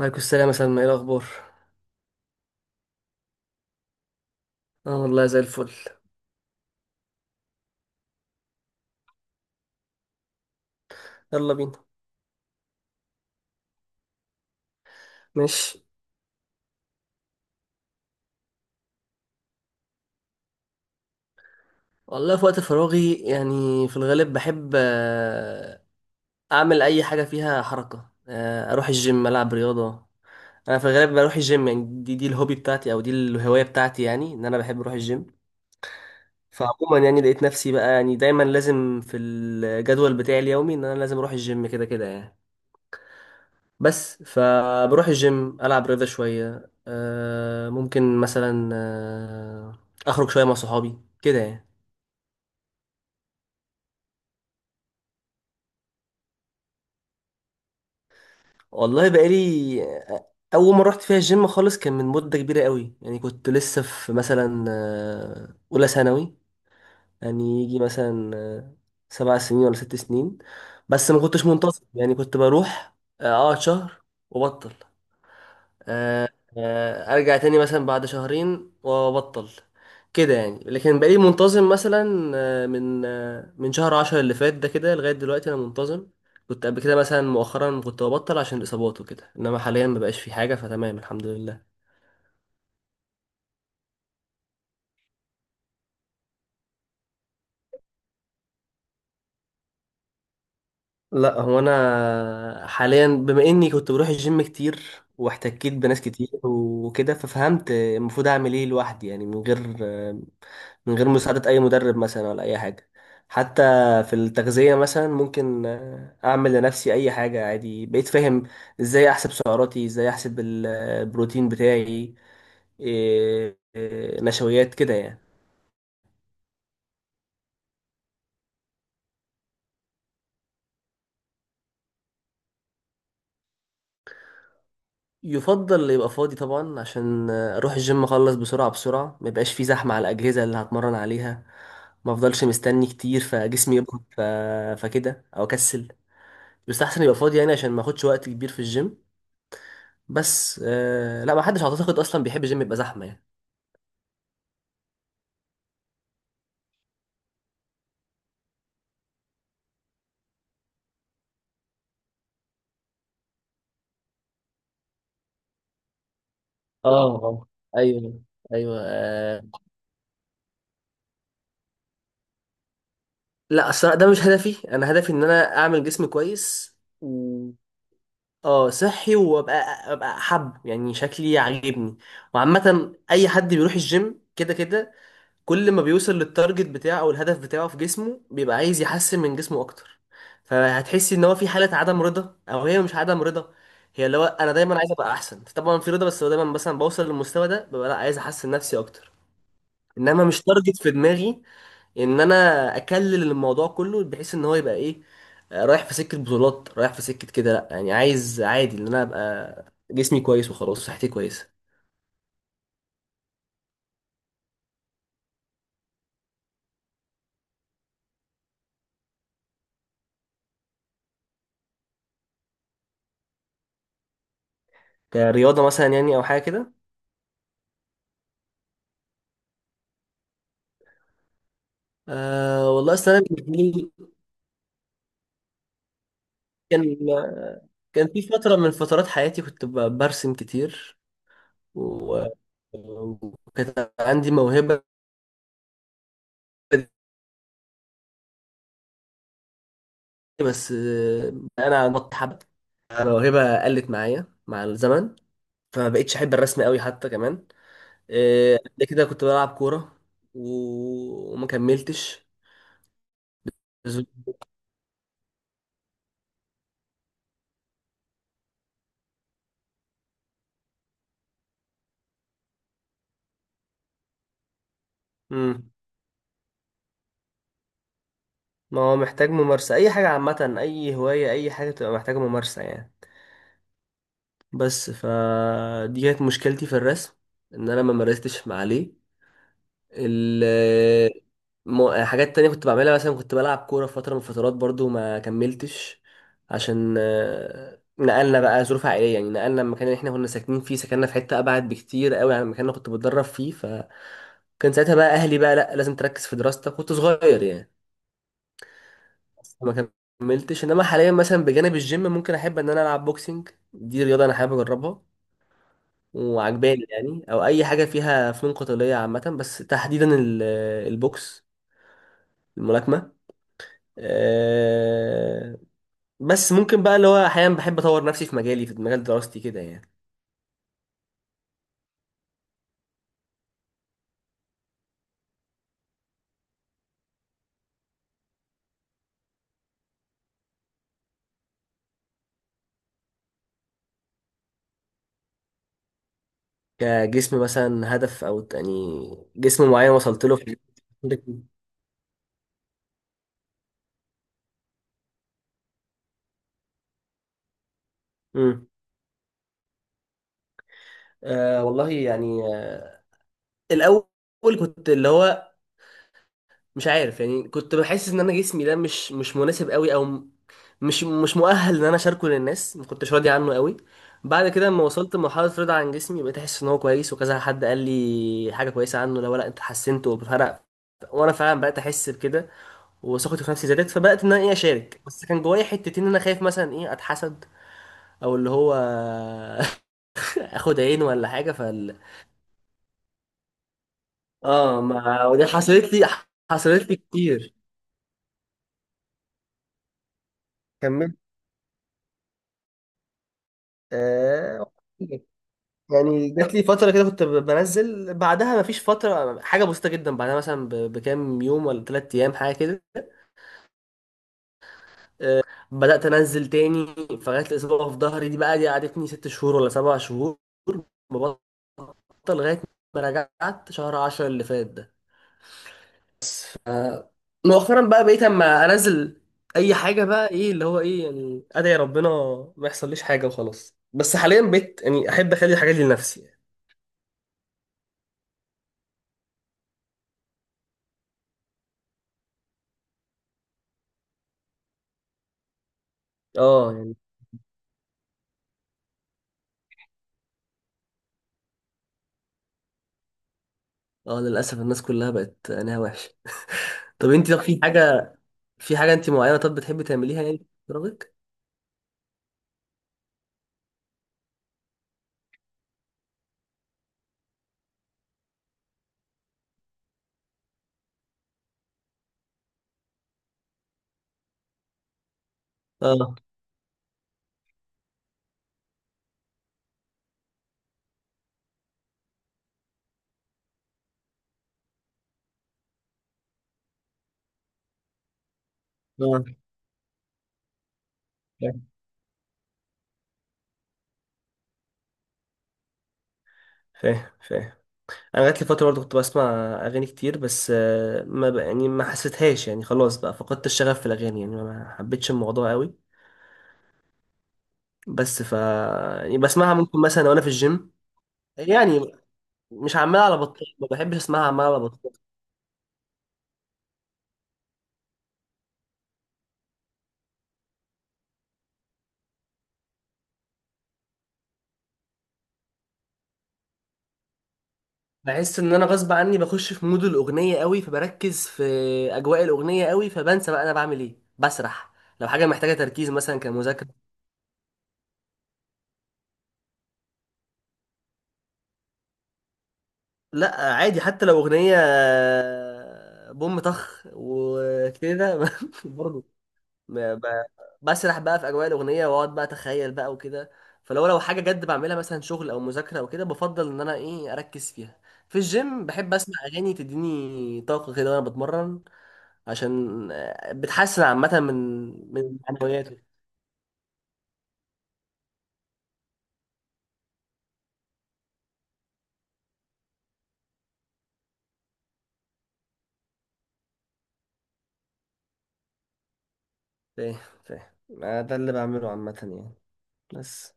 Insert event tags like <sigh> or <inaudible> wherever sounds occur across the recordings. عليكم السلام يا سلمى، ايه الاخبار؟ اه والله زي الفل. يلا بينا. ماشي. والله في وقت فراغي يعني في الغالب بحب، اعمل اي حاجه فيها حركه، اروح الجيم العب رياضه. انا في الغالب بروح الجيم، يعني دي الهوبي بتاعتي او دي الهوايه بتاعتي، يعني ان انا بحب اروح الجيم. فعموما يعني لقيت نفسي بقى يعني دايما لازم في الجدول بتاعي اليومي ان انا لازم اروح الجيم كده كده يعني. بس فبروح الجيم ألعب رياضة شوية، ممكن مثلا أخرج شوية مع صحابي كده يعني. والله بقالي، آه، أول ما رحت فيها الجيم خالص كان من مدة كبيرة قوي، يعني كنت لسه في مثلا أولى ثانوي، يعني يجي مثلا 7 سنين ولا 6 سنين. بس ما كنتش منتظم، يعني كنت بروح أقعد شهر وبطل، ارجع تاني مثلا بعد شهرين وابطل كده يعني. لكن بقالي منتظم مثلا من شهر عشرة اللي فات ده كده لغاية دلوقتي انا منتظم. كنت قبل كده مثلا مؤخرا كنت ببطل عشان الاصابات وكده، انما حاليا مبقاش في حاجة فتمام الحمد لله. لا، هو انا حاليا بما اني كنت بروح الجيم كتير واحتكيت بناس كتير وكده ففهمت المفروض اعمل ايه لوحدي، يعني من غير مساعدة اي مدرب مثلا ولا اي حاجة، حتى في التغذية مثلا ممكن اعمل لنفسي اي حاجة عادي بقيت فاهم ازاي احسب سعراتي ازاي احسب البروتين بتاعي. إيه- إيه، نشويات كده يعني. يفضل يبقى فاضي طبعا عشان اروح الجيم اخلص بسرعه بسرعه، ما يبقاش فيه زحمه على الاجهزه اللي هتمرن عليها، ما افضلش مستني كتير فجسمي فكده او اكسل، يستحسن يبقى فاضي يعني عشان ما اخدش وقت كبير في الجيم. بس آه لا، ما حدش اعتقد اصلا بيحب الجيم يبقى زحمه يعني. اه اه ايوه ايوه آه. لا الصراحه ده مش هدفي، انا هدفي ان انا اعمل جسم كويس. اه صحي، وابقى حب يعني شكلي عاجبني. وعامة اي حد بيروح الجيم كده كده، كل ما بيوصل للتارجت بتاعه او الهدف بتاعه في جسمه بيبقى عايز يحسن من جسمه اكتر، فهتحسي ان هو في حالة عدم رضا. او هي مش عدم رضا، هي اللي هو انا دايما عايز ابقى احسن طبعا في رضا، بس هو دايما مثلا بوصل للمستوى ده ببقى لا عايز احسن نفسي اكتر. انما مش تارجت في دماغي ان انا اكلل الموضوع كله بحيث ان هو يبقى ايه، رايح في سكه بطولات رايح في سكه كده، لا يعني عايز عادي ان انا ابقى جسمي كويس وخلاص صحتي كويسه. كرياضه مثلا يعني او حاجه كده. أه والله اصل انا بالنسبة لي، كان كان في فتره من فترات حياتي كنت برسم كتير، و- وكانت عندي موهبه دي، بس انا نط حبه الموهبه قلت معايا مع الزمن، فما بقتش احب الرسم قوي حتى كمان. إيه، قبل كده كنت بلعب كورة، وما كملتش. ز- مم. ما هو محتاج ممارسة أي حاجة، عامة أي هواية أي حاجة بتبقى محتاجة ممارسة يعني، بس فدي كانت مشكلتي في الرسم إن أنا ما مارستش مع عليه. ال حاجات تانية كنت بعملها، مثلا كنت بلعب كورة في فترة من الفترات برضو ما كملتش عشان نقلنا بقى ظروف عائلية، يعني نقلنا المكان اللي احنا كنا ساكنين فيه سكننا في حتة أبعد بكتير قوي عن المكان اللي كنت بتدرب فيه. كان ساعتها بقى اهلي بقى لا لازم تركز في دراستك كنت صغير يعني، ما كملتش. انما حاليا مثلا بجانب الجيم ممكن احب ان انا العب بوكسنج، دي رياضه انا حابب اجربها وعجباني يعني، او اي حاجه فيها فنون قتاليه عامه، بس تحديدا البوكس الملاكمه. أه، بس ممكن بقى اللي هو احيانا بحب اطور نفسي في مجالي في مجال دراستي كده يعني. كجسم مثلا هدف او يعني جسم معين وصلت له في، مم. أه والله يعني، الاول كنت اللي هو مش عارف، يعني كنت بحس ان انا جسمي ده مش مناسب قوي، او مش مؤهل ان انا اشاركه للناس، ما كنتش راضي عنه قوي. بعد كده لما وصلت لمرحله رضا عن جسمي بقيت احس ان هو كويس، وكذا حد قال لي حاجه كويسه عنه، لو لا انت حسنت وفرق، وانا فعلا بقيت احس بكده، وثقتي في نفسي زادت، فبقيت ان انا ايه اشارك. بس كان جوايا حتتين ان انا خايف مثلا ايه اتحسد او اللي هو <laughs> اخد عين ولا حاجه فال. اه، ما ودي حصلت لي كتير. كمل. آه، يعني جات لي فترة كده كنت بنزل، بعدها مفيش فترة حاجة بسيطة جدا بعدها مثلا بكام يوم ولا 3 أيام حاجة كده بدأت أنزل تاني. فجات لي إصابة في ظهري دي، بقى دي قعدتني 6 شهور ولا 7 شهور مبطل لغاية ما رجعت شهر عشرة اللي فات ده. آه، مؤخرا بقى بقيت أما أنزل أي حاجة بقى إيه اللي هو إيه يعني أدعي ربنا ما يحصليش حاجة وخلاص. بس حاليا بقيت يعني أحب أخلي الحاجات دي لنفسي يعني. اه يعني، اه للاسف الناس كلها بقت عينيها وحشه. طب انت، طب في حاجه انت معينه طب بتحبي تعمليها يعني في فراغك؟ اه اه فاهم فاهم فاهم. انا جات لي فتره برضه كنت بسمع اغاني كتير، بس ما بقى يعني ما حسيتهاش يعني خلاص بقى فقدت الشغف في الاغاني يعني، ما حبيتش الموضوع قوي. بس ف يعني بسمعها ممكن مثلا وانا في الجيم يعني، مش عمال على بطال ما بحبش اسمعها عمال على بطال. بحس ان انا غصب عني بخش في مود الاغنيه قوي، فبركز في اجواء الاغنيه قوي، فبنسى بقى انا بعمل ايه بسرح. لو حاجه محتاجه تركيز مثلا كمذاكره، لا عادي حتى لو اغنيه بوم طخ وكده <laughs> برضه، ما- ب- بسرح بقى في اجواء الاغنيه واقعد بقى اتخيل بقى وكده. فلو حاجه جد بعملها مثلا شغل او مذاكره او كده بفضل ان انا ايه اركز فيها. في الجيم بحب اسمع اغاني تديني طاقه كده وانا بتمرن، عشان بتحسن عامة من معنوياته. فاهم فاهم. ما ده اللي بعمله عامة يعني بس.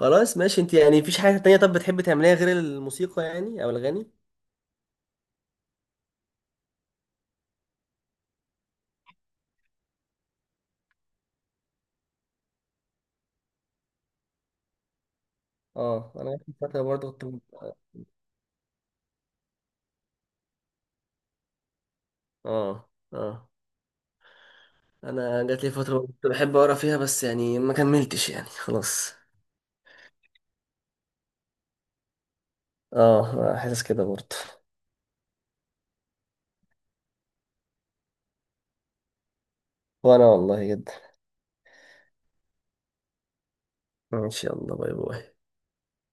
خلاص ماشي. انت يعني مفيش حاجة تانية طب بتحبي تعمليها غير الموسيقى يعني او الغني؟ اه انا جات لي فترة برضه كنت اه اه انا جات لي فترة كنت بحب اقرا فيها، بس يعني ما كملتش يعني خلاص. اه حاسس كده برضه. وانا والله جدا. ان شاء الله باي باي.